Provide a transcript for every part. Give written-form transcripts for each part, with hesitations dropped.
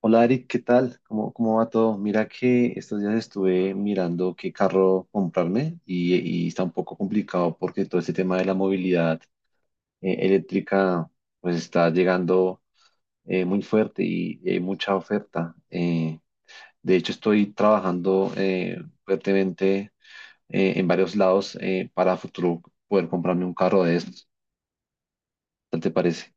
Hola Eric, ¿qué tal? ¿Cómo va todo? Mira que estos días estuve mirando qué carro comprarme y está un poco complicado porque todo este tema de la movilidad eléctrica pues está llegando muy fuerte y hay mucha oferta. De hecho estoy trabajando fuertemente en varios lados para futuro poder comprarme un carro de estos. ¿Qué te parece?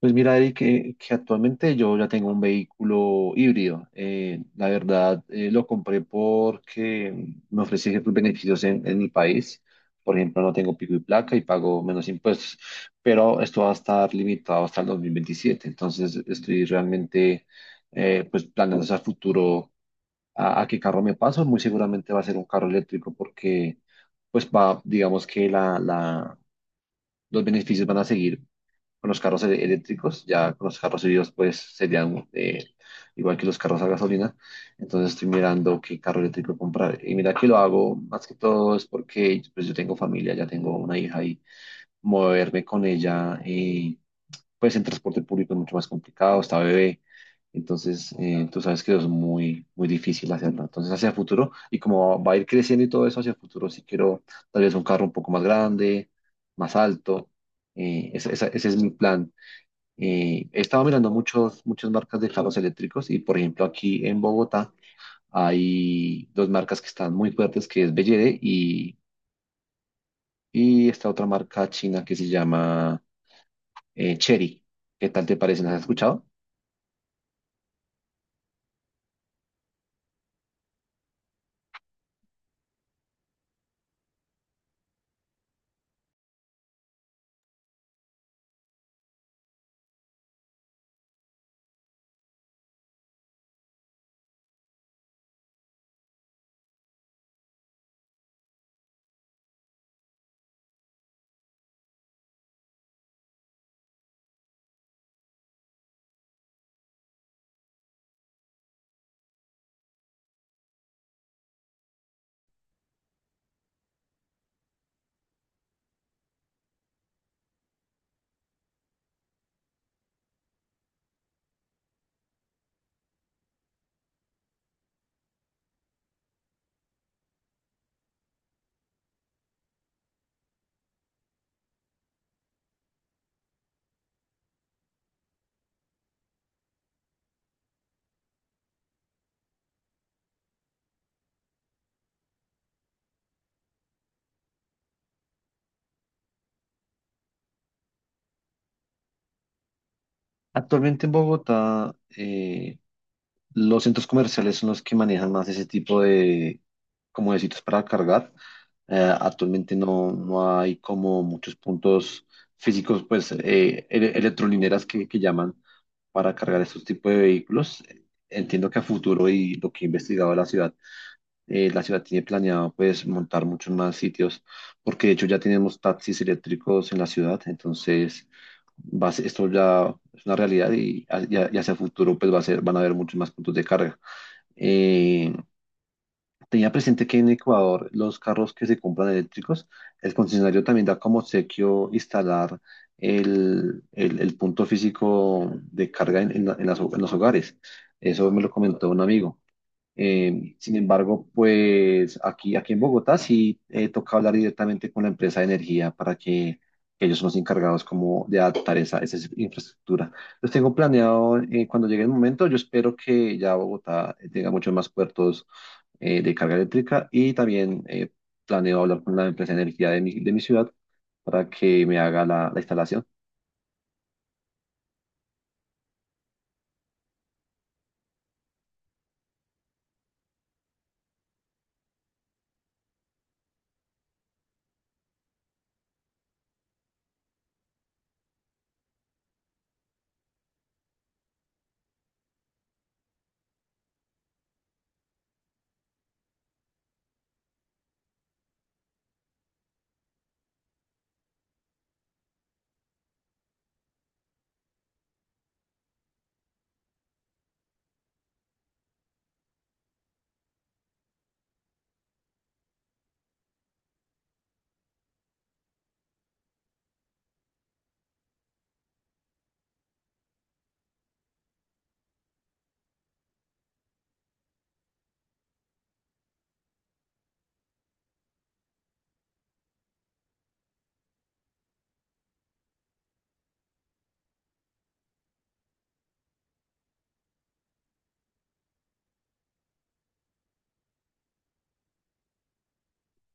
Pues mira, Eric, que actualmente yo ya tengo un vehículo híbrido. La verdad, lo compré porque me ofrece ciertos beneficios en mi país. Por ejemplo, no tengo pico y placa y pago menos impuestos, pero esto va a estar limitado hasta el 2027. Entonces, estoy realmente pues planeando hacia futuro a qué carro me paso. Muy seguramente va a ser un carro eléctrico porque pues va, digamos que la los beneficios van a seguir con los carros eléctricos, ya con los carros híbridos pues serían igual que los carros a gasolina, entonces estoy mirando qué carro eléctrico comprar. Y mira que lo hago más que todo es porque pues yo tengo familia, ya tengo una hija y moverme con ella. Pues en transporte público es mucho más complicado, está bebé, entonces tú sabes que eso es muy, muy difícil hacerlo. Entonces hacia el futuro, y como va a ir creciendo y todo eso, hacia el futuro sí quiero tal vez un carro un poco más grande, más alto, ese es mi plan. He estado mirando muchas marcas de carros eléctricos y por ejemplo aquí en Bogotá hay dos marcas que están muy fuertes, que es BYD y, D y esta otra marca china que se llama Chery. ¿Qué tal te parecen? ¿Has escuchado? Actualmente en Bogotá, los centros comerciales son los que manejan más ese tipo de, como de sitios para cargar. Actualmente no hay como muchos puntos físicos, pues electrolineras que llaman para cargar estos tipos de vehículos. Entiendo que a futuro y lo que he investigado de la ciudad tiene planeado pues montar muchos más sitios, porque de hecho ya tenemos taxis eléctricos en la ciudad, entonces esto ya es una realidad y hacia el futuro pues va a ser, van a haber muchos más puntos de carga. Eh, Tenía presente que en Ecuador los carros que se compran eléctricos, el concesionario también da como obsequio instalar el punto físico de carga en en los hogares. Eso me lo comentó un amigo. Sin embargo, pues aquí, aquí en Bogotá sí toca hablar directamente con la empresa de energía para que ellos son los encargados como de adaptar esa infraestructura. Los tengo planeado cuando llegue el momento. Yo espero que ya Bogotá tenga muchos más puertos de carga eléctrica y también planeo hablar con la empresa de energía de mi ciudad para que me haga la instalación.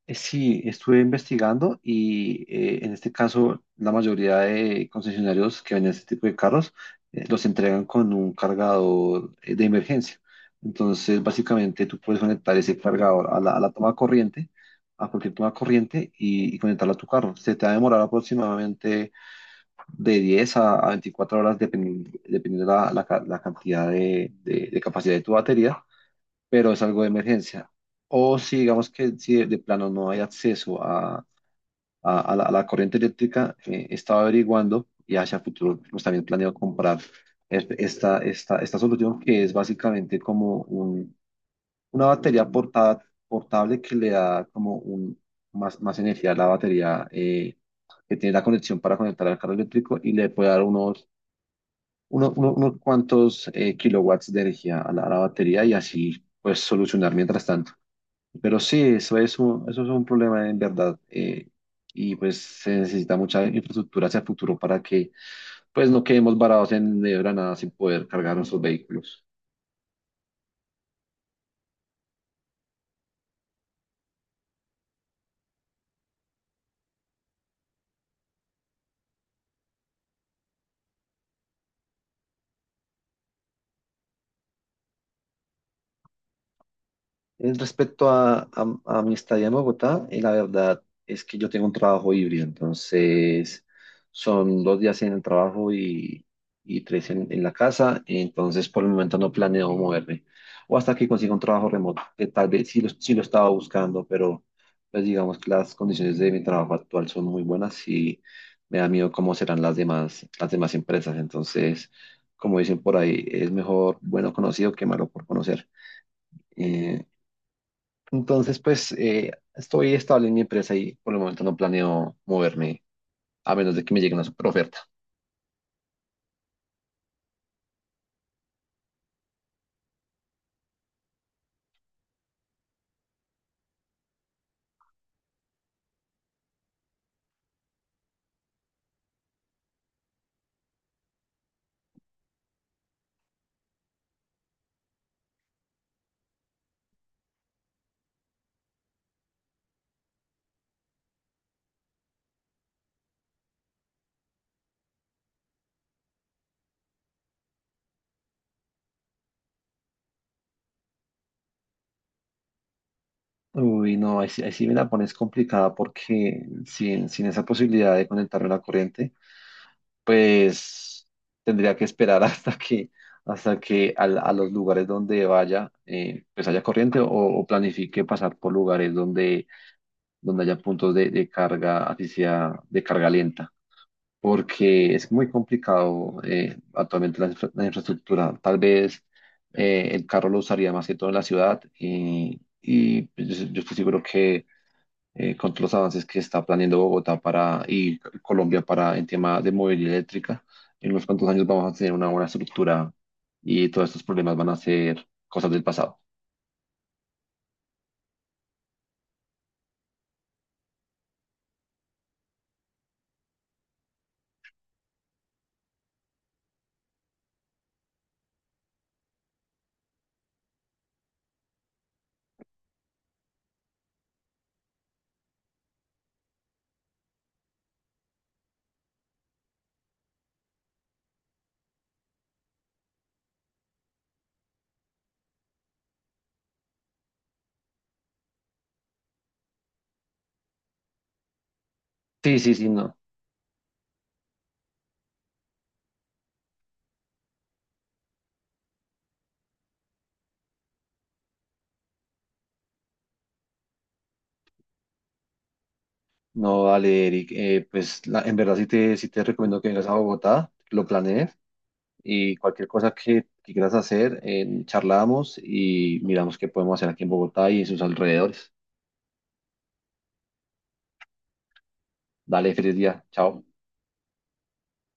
Sí, estuve investigando y en este caso la mayoría de concesionarios que venden este tipo de carros los entregan con un cargador de emergencia. Entonces, básicamente tú puedes conectar ese cargador a la toma de corriente, a cualquier toma de corriente y conectarlo a tu carro. Se te va a demorar aproximadamente de 10 a 24 horas dependiendo la cantidad de capacidad de tu batería, pero es algo de emergencia. O si digamos que si de plano no hay acceso a la corriente eléctrica. Estaba averiguando y hacia futuro pues, también planeo comprar esta solución que es básicamente una batería portable que le da como un, más energía a la batería que tiene la conexión para conectar al carro eléctrico y le puede dar unos, unos cuantos kilowatts de energía a la batería y así pues solucionar mientras tanto. Pero sí, eso es un problema en verdad. Y pues se necesita mucha infraestructura hacia el futuro para que pues no quedemos varados en medio de la nada sin poder cargar nuestros vehículos. Respecto a, a mi estadía en Bogotá, la verdad es que yo tengo un trabajo híbrido, entonces son dos días en el trabajo y tres en la casa, entonces por el momento no planeo moverme, o hasta que consiga un trabajo remoto, que tal vez sí lo estaba buscando, pero pues digamos que las condiciones de mi trabajo actual son muy buenas y me da miedo cómo serán las demás empresas, entonces como dicen por ahí, es mejor bueno conocido que malo por conocer. Eh, entonces, pues estoy estable en mi empresa y por el momento no planeo moverme a menos de que me llegue una superoferta. Uy, no, ahí sí me la pones complicada porque sin esa posibilidad de conectarme a la corriente, pues tendría que esperar hasta hasta que los lugares donde vaya, pues haya corriente o planifique pasar por lugares donde haya puntos de carga, así sea de carga lenta, porque es muy complicado. Actualmente la, la infraestructura. Tal vez el carro lo usaría más que todo en la ciudad y, pues, yo estoy seguro que con todos los avances que está planeando Bogotá y Colombia para en tema de movilidad eléctrica, en unos cuantos años vamos a tener una buena estructura y todos estos problemas van a ser cosas del pasado. Sí, sí, sí, no. No, dale, Eric. Pues en verdad sí te recomiendo que vengas a Bogotá, lo planees y cualquier cosa que quieras hacer, charlamos y miramos qué podemos hacer aquí en Bogotá y en sus alrededores. Dale, feliz día. Chao.